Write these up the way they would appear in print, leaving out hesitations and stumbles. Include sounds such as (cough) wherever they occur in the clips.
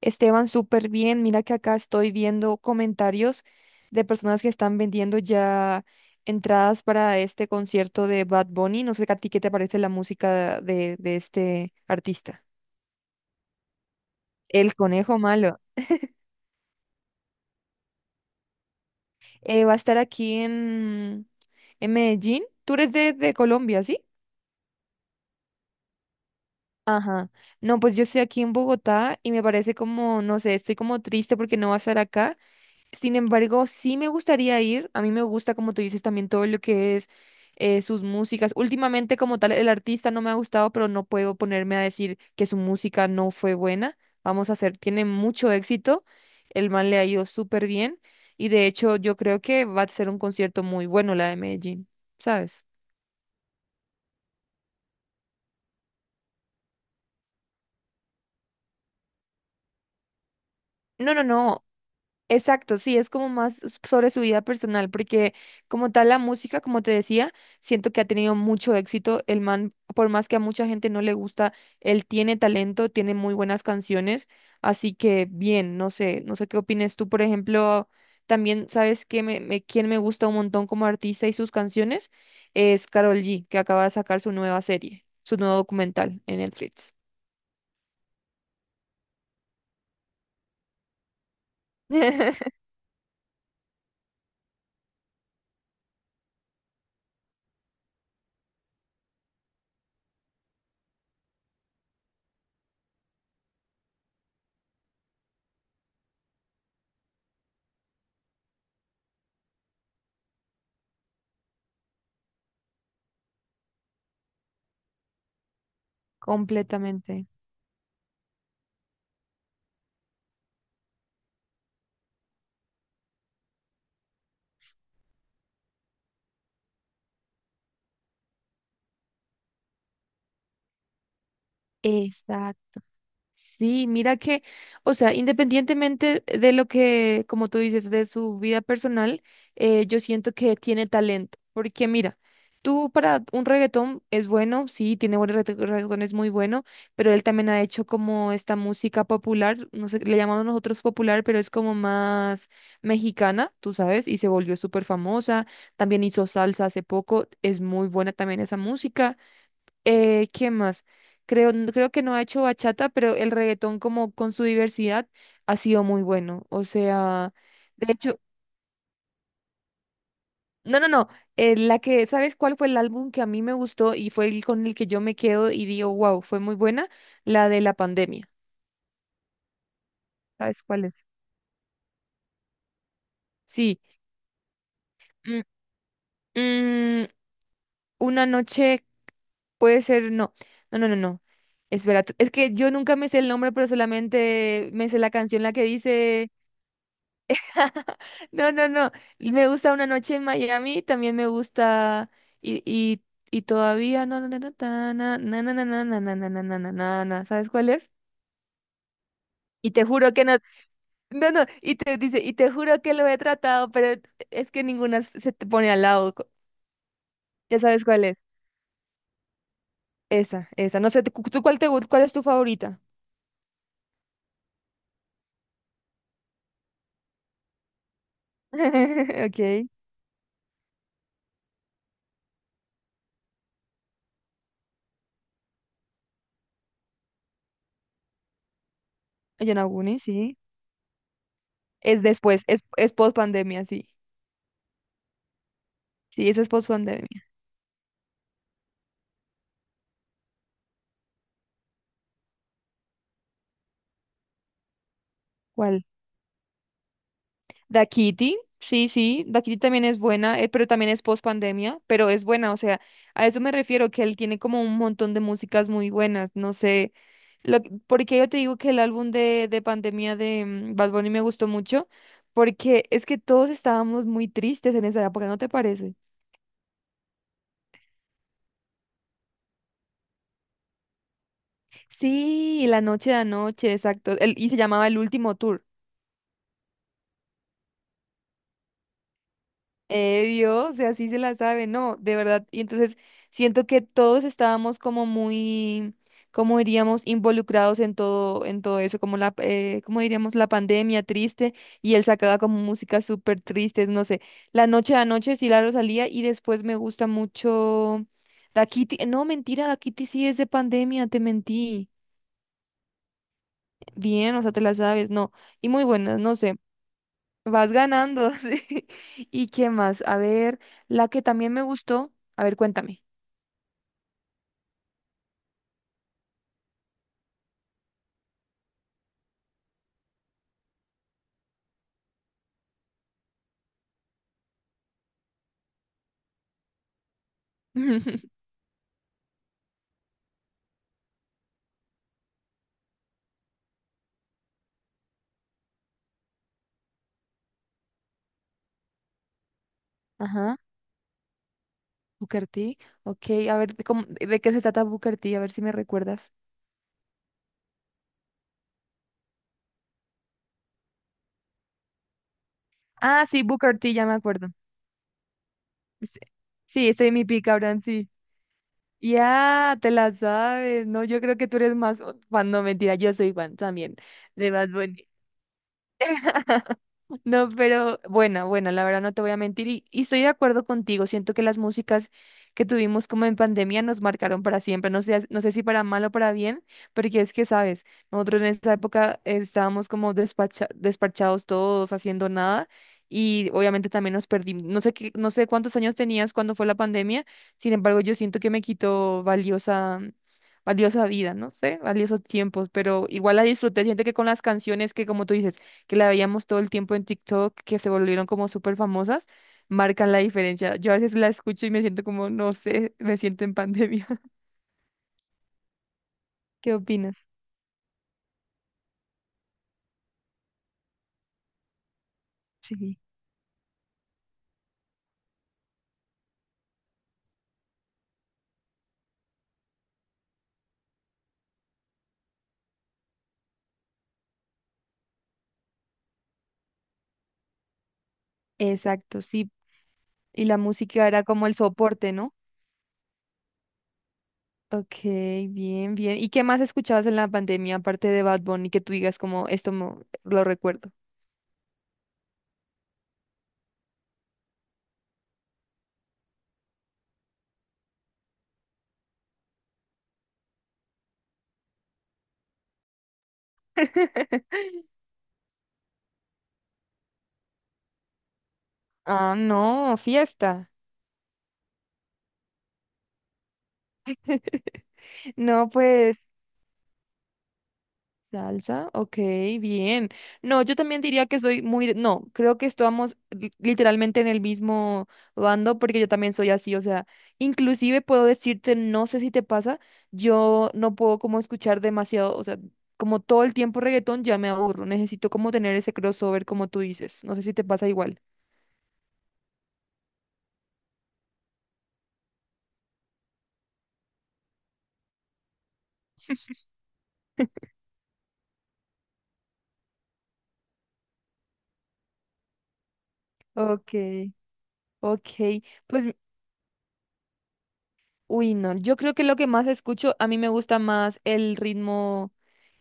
Esteban, súper bien. Mira que acá estoy viendo comentarios de personas que están vendiendo ya entradas para este concierto de Bad Bunny. No sé a ti qué te parece la música de este artista. El Conejo Malo. Va a estar aquí en Medellín. Tú eres de Colombia, ¿sí? Ajá. No, pues yo estoy aquí en Bogotá y me parece como, no sé, estoy como triste porque no va a estar acá. Sin embargo, sí me gustaría ir. A mí me gusta, como tú dices, también todo lo que es sus músicas. Últimamente, como tal, el artista no me ha gustado, pero no puedo ponerme a decir que su música no fue buena. Vamos a hacer, tiene mucho éxito. El man le ha ido súper bien. Y de hecho, yo creo que va a ser un concierto muy bueno la de Medellín, ¿sabes? No, no, no. Exacto, sí, es como más sobre su vida personal, porque como tal la música, como te decía, siento que ha tenido mucho éxito. El man, por más que a mucha gente no le gusta, él tiene talento, tiene muy buenas canciones, así que bien, no sé, no sé qué opines tú, por ejemplo, también sabes que quién me gusta un montón como artista y sus canciones es Karol G, que acaba de sacar su nueva serie, su nuevo documental en Netflix. (laughs) Completamente. Exacto. Sí, mira que, o sea, independientemente de lo que, como tú dices, de su vida personal, yo siento que tiene talento, porque mira, tú para un reggaetón es bueno, sí, tiene buenos reggaetón, es muy bueno, pero él también ha hecho como esta música popular, no sé, le llamamos nosotros popular, pero es como más mexicana, tú sabes, y se volvió súper famosa, también hizo salsa hace poco, es muy buena también esa música. ¿Qué más? Creo que no ha hecho bachata, pero el reggaetón como con su diversidad ha sido muy bueno. O sea, de hecho, no, no, no. La que, ¿sabes cuál fue el álbum que a mí me gustó y fue el con el que yo me quedo y digo, wow, fue muy buena? La de la pandemia. ¿Sabes cuál es? Sí. mm, mm, una noche puede ser, no, no, no, no, no. Espera, es que yo nunca me sé el nombre, pero solamente me sé la canción la que dice... (laughs) No, no, no. Y me gusta una noche en Miami, también me gusta y, y, y todavía no, no, no, no, no, no, no, no, no, no, no, no, no, no, no, no, no, ¿sabes cuál es? Y te juro que no, no, no, y te dice, y te juro que lo he tratado, pero es que ninguna se te pone al lado. Ya sabes cuál es. Esa, esa. No sé, ¿tú cuál te gusta? ¿Cuál es tu favorita? (laughs) Ok. Yonaguni, sí. Es después, es post pandemia, sí. Sí, esa es post pandemia. ¿Cuál? Da Kitty, sí, sí, Da Kitty también es buena, pero también es post pandemia, pero es buena, o sea, a eso me refiero, que él tiene como un montón de músicas muy buenas, no sé, lo, porque yo te digo que el álbum de pandemia de Bad Bunny me gustó mucho, porque es que todos estábamos muy tristes en esa época, ¿no te parece? Sí, La Noche de Anoche, exacto, y se llamaba El Último Tour. Dios, o sea, sí se la sabe, no, de verdad. Y entonces siento que todos estábamos como muy, como diríamos, involucrados en todo eso, como la, como diríamos, la pandemia triste, y él sacaba como música súper triste, no sé. La noche a noche sí la Rosalía, y después me gusta mucho Da Kitty, no, mentira, Da Kitty sí es de pandemia, te mentí. Bien, o sea, te la sabes, no. Y muy buenas, no sé. Vas ganando, (laughs) sí. ¿Y qué más? A ver, la que también me gustó. A ver, cuéntame. (laughs) Ajá, Booker T. Ok, a ver, ¿cómo- ¿de qué se trata Booker T? A ver si me recuerdas. Ah, sí, Booker T, ya me acuerdo. Sí, sí, estoy en mi pick, Abraham, sí. Ya, te la sabes. No, yo creo que tú eres más fan. No, mentira, yo soy fan también de Bad Bunny. (laughs) No, pero bueno, bueno, la verdad no te voy a mentir y estoy de acuerdo contigo. Siento que las músicas que tuvimos como en pandemia nos marcaron para siempre. No sé, no sé si para mal o para bien, porque es que, sabes, nosotros en esa época estábamos como despachados todos, haciendo nada y obviamente también nos perdimos. No sé qué, no sé cuántos años tenías cuando fue la pandemia, sin embargo, yo siento que me quitó valiosa, valiosa vida, no sé, valiosos tiempos, pero igual la disfruté. Siento que con las canciones que, como tú dices, que la veíamos todo el tiempo en TikTok, que se volvieron como súper famosas, marcan la diferencia. Yo a veces la escucho y me siento como, no sé, (laughs) me siento en pandemia. (laughs) ¿Qué opinas? Sí. Exacto, sí. Y la música era como el soporte, ¿no? Ok, bien, bien. ¿Y qué más escuchabas en la pandemia, aparte de Bad Bunny, que tú digas como, esto lo recuerdo? (laughs) Ah, no, fiesta. No, pues salsa, ok, bien. No, yo también diría que soy muy... No, creo que estamos literalmente en el mismo bando porque yo también soy así, o sea, inclusive puedo decirte, no sé si te pasa, yo no puedo como escuchar demasiado, o sea, como todo el tiempo reggaetón ya me aburro, necesito como tener ese crossover como tú dices, no sé si te pasa igual. Ok, ok, pues, uy, no, yo creo que lo que más escucho, a mí me gusta más el ritmo.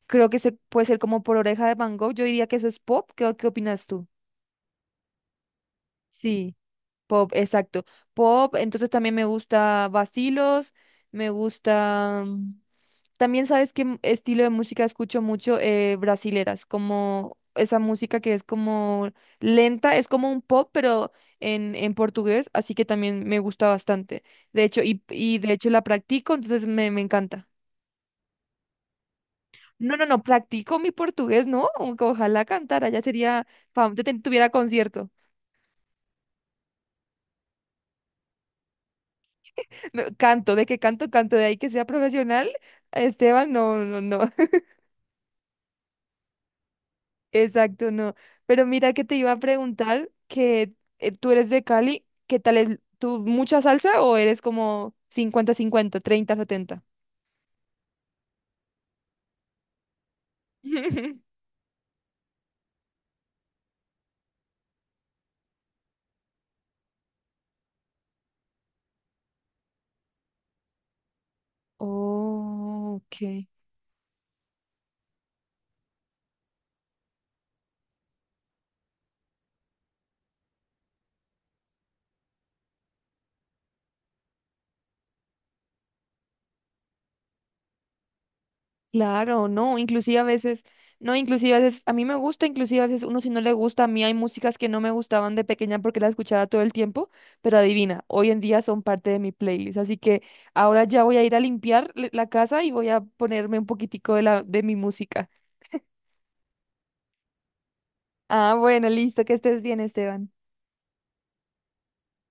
Creo que se puede ser como por Oreja de Van Gogh. Yo diría que eso es pop. ¿Qué, qué opinas tú? Sí, pop, exacto. Pop, entonces también me gusta Vacilos, me gusta... también sabes qué estilo de música escucho mucho brasileras, como esa música que es como lenta, es como un pop, pero en portugués, así que también me gusta bastante. De hecho, y de hecho la practico, entonces me encanta. No, no, no, practico mi portugués, no, aunque ojalá cantara, ya sería, fam, tuviera concierto. (laughs) No, canto, de qué canto, canto, de ahí que sea profesional, Esteban, no, no, no, (laughs) exacto, no. Pero mira que te iba a preguntar que tú eres de Cali, ¿qué tal es tú mucha salsa o eres como 50-50, 30-70? (laughs) Oh, ok. Claro, no, inclusive a veces, no, inclusive a veces, a mí me gusta, inclusive a veces uno si no le gusta, a mí hay músicas que no me gustaban de pequeña porque las escuchaba todo el tiempo, pero adivina, hoy en día son parte de mi playlist, así que ahora ya voy a ir a limpiar la casa y voy a ponerme un poquitico de la, de mi música. Ah, bueno, listo, que estés bien, Esteban.